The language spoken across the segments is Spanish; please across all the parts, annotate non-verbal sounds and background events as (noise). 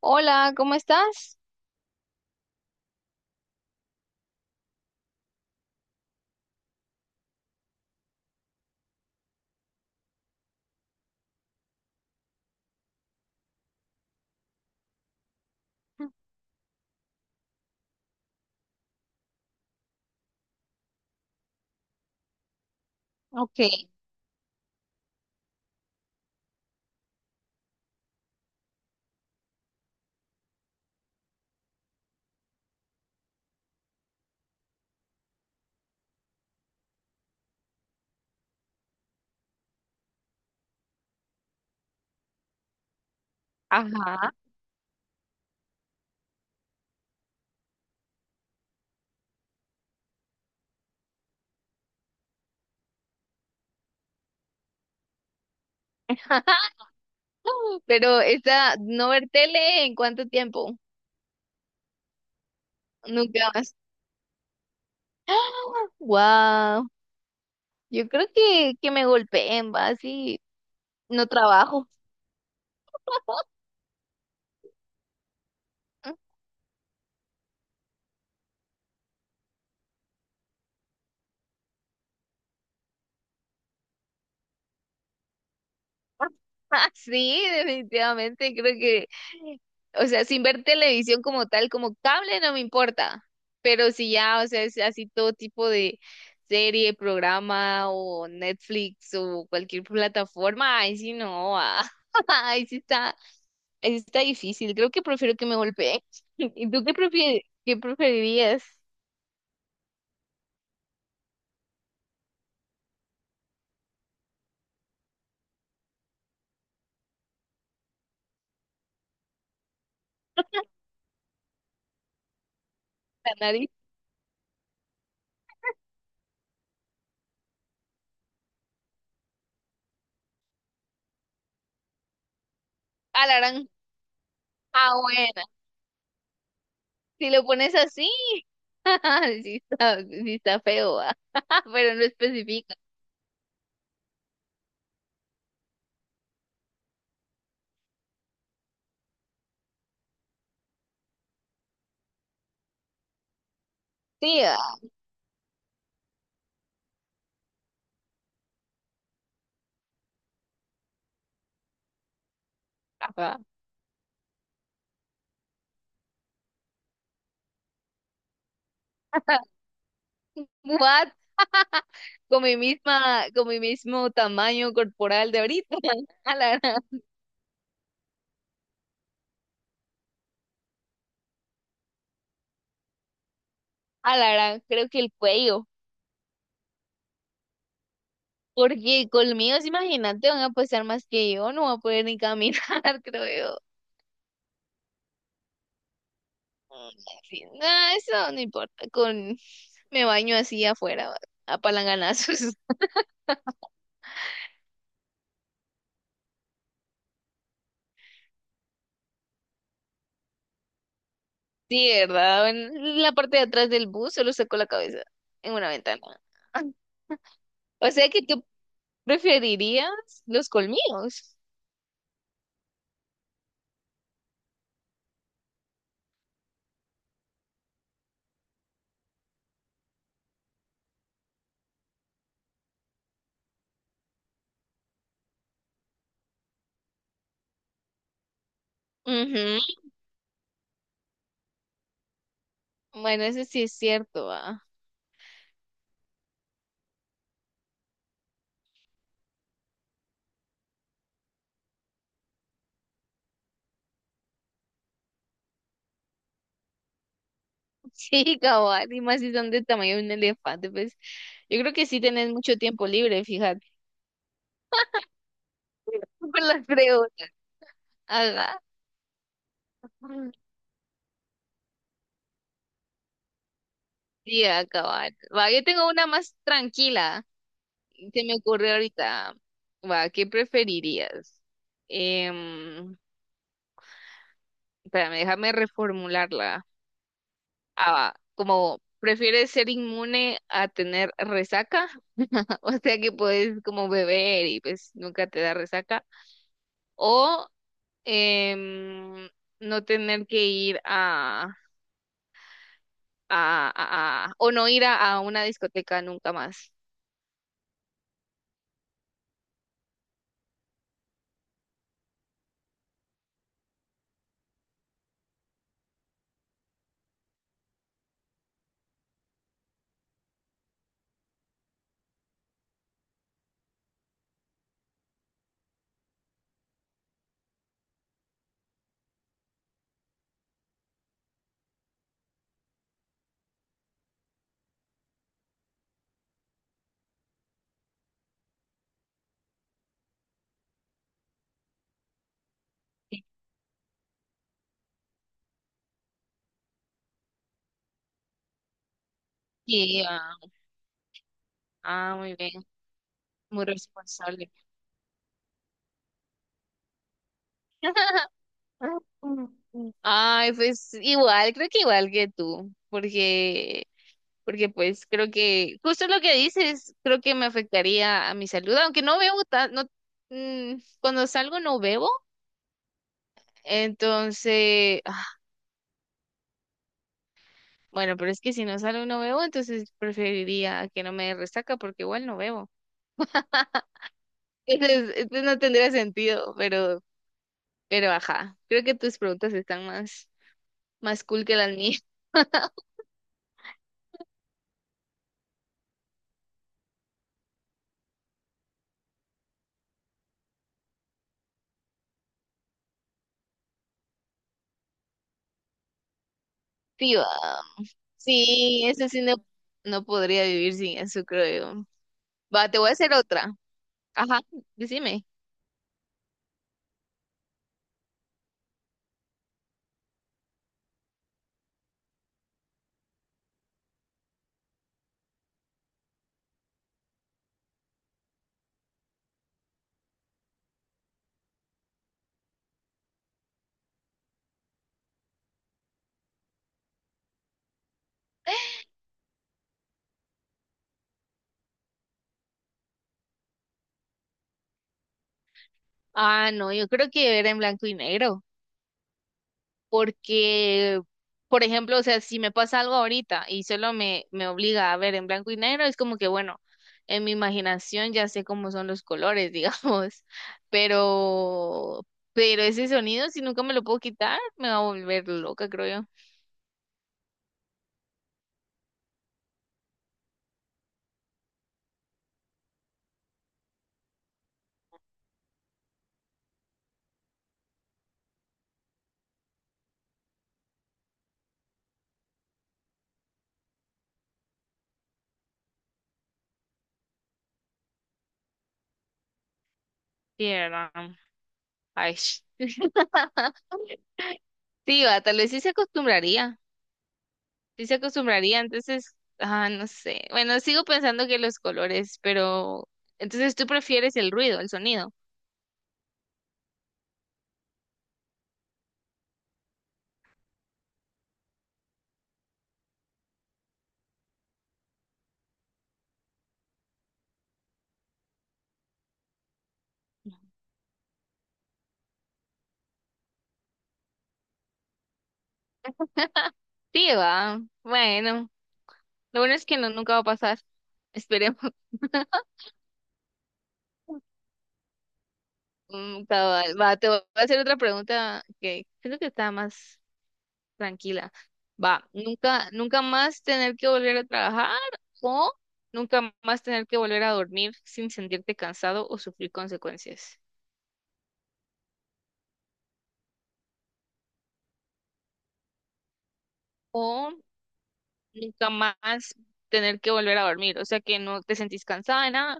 Hola, ¿cómo estás? Ok. Ajá. (gasps) Pero esta, no ver tele ¿en cuánto tiempo? Nunca más. (gasps) Wow, yo creo que, me golpeen, va, así no trabajo. (laughs) (laughs) Sí, definitivamente, creo que, o sea, sin ver televisión como tal, como cable no me importa, pero si ya, o sea, es así todo tipo de serie, programa o Netflix o cualquier plataforma, ahí sí no, ah, (laughs) ahí sí está, ahí sí está difícil, creo que prefiero que me golpeen. (laughs) ¿Y tú qué prefie qué preferirías? La nariz. Alarán. Ah, bueno, si lo pones así. (laughs) Sí está feo, ah. (laughs) Pero no especifica. Sí, ah, ah. (laughs) What? Con mi misma, con mi mismo tamaño corporal de ahorita. (laughs) A la, a la gran, creo que el cuello. Porque conmigo, imagínate, van a pasar más que yo, no voy a poder ni caminar, (laughs) creo yo. Mm, en fin, nah, eso no importa. Con Me baño así afuera, va, a palanganazos. (laughs) Sí, ¿verdad? En la parte de atrás del bus solo saco la cabeza en una ventana. (laughs) O sea que tú preferirías los colmillos. Ujú. Bueno, eso sí es cierto, ah. (laughs) Sí, cabal, y más si son de tamaño de un elefante, pues yo creo que sí tenés mucho tiempo libre, fíjate. (laughs) Por las preguntas. Ajá. Sí, ah, cabal. Va, yo tengo una más tranquila. Se me ocurre ahorita. Va, ¿qué preferirías? Em, espérame, déjame reformularla. A, como prefieres ser inmune a tener resaca, (laughs) o sea que puedes como beber y pues nunca te da resaca, o em, no tener que ir a, o no ir a una discoteca nunca más. Sí, ah, ah, muy bien, muy responsable. (laughs) Ay, pues igual, creo que igual que tú, porque pues creo que justo lo que dices, creo que me afectaría a mi salud, aunque no bebo tan, no, mm, cuando salgo no bebo, entonces, ah, bueno, pero es que si no salgo y no bebo, entonces preferiría que no me dé resaca porque igual no bebo. (laughs) Entonces no tendría sentido, pero ajá, creo que tus preguntas están más, más cool que las mías. (laughs) Sí, va. Sí, eso sí no, no podría vivir sin eso, creo yo. Va, te voy a hacer otra. Ajá, decime. Ah, no, yo creo que era en blanco y negro, porque, por ejemplo, o sea, si me pasa algo ahorita y solo me, me obliga a ver en blanco y negro, es como que, bueno, en mi imaginación ya sé cómo son los colores, (laughs) digamos, pero, pero ese sonido, si nunca me lo puedo quitar, me va a volver loca, creo yo. Sí, ¿verdad? Ay, (laughs) sí, va, tal vez sí se acostumbraría. Sí se acostumbraría, entonces, ah, no sé. Bueno, sigo pensando que los colores, pero entonces tú prefieres el ruido, el sonido. Sí, va. Bueno, lo bueno es que no, nunca va a pasar. Esperemos. (laughs) Mm, cabal. Va, te voy a hacer otra pregunta que creo que está más tranquila. Va, nunca más tener que volver a trabajar o nunca más tener que volver a dormir sin sentirte cansado o sufrir consecuencias. O nunca más tener que volver a dormir, o sea que no te sentís cansada de nada,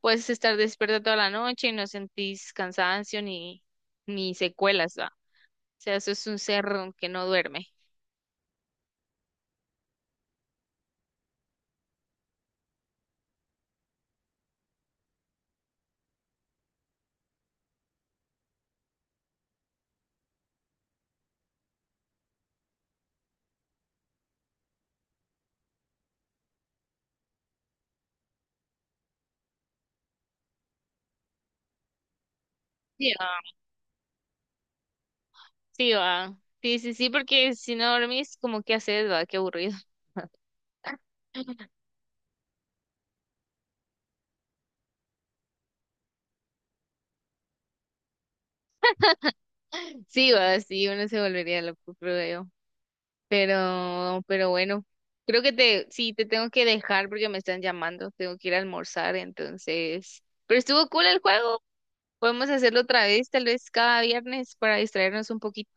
puedes estar despierta toda la noche y no sentís cansancio ni, ni secuelas, ¿va? O sea, eso es un cerro que no duerme. Sí, va. Sí, va. Sí, sí, sí, porque si no dormís, como qué haces, va, qué aburrido. (laughs) Sí, va, sí, uno se volvería loco, creo yo. Pero bueno, creo que te, sí, te tengo que dejar porque me están llamando, tengo que ir a almorzar, entonces. Pero estuvo cool el juego. Podemos hacerlo otra vez, tal vez cada viernes, para distraernos un poquito.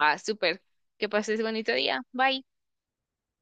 Va, súper. Que pases bonito día. Bye.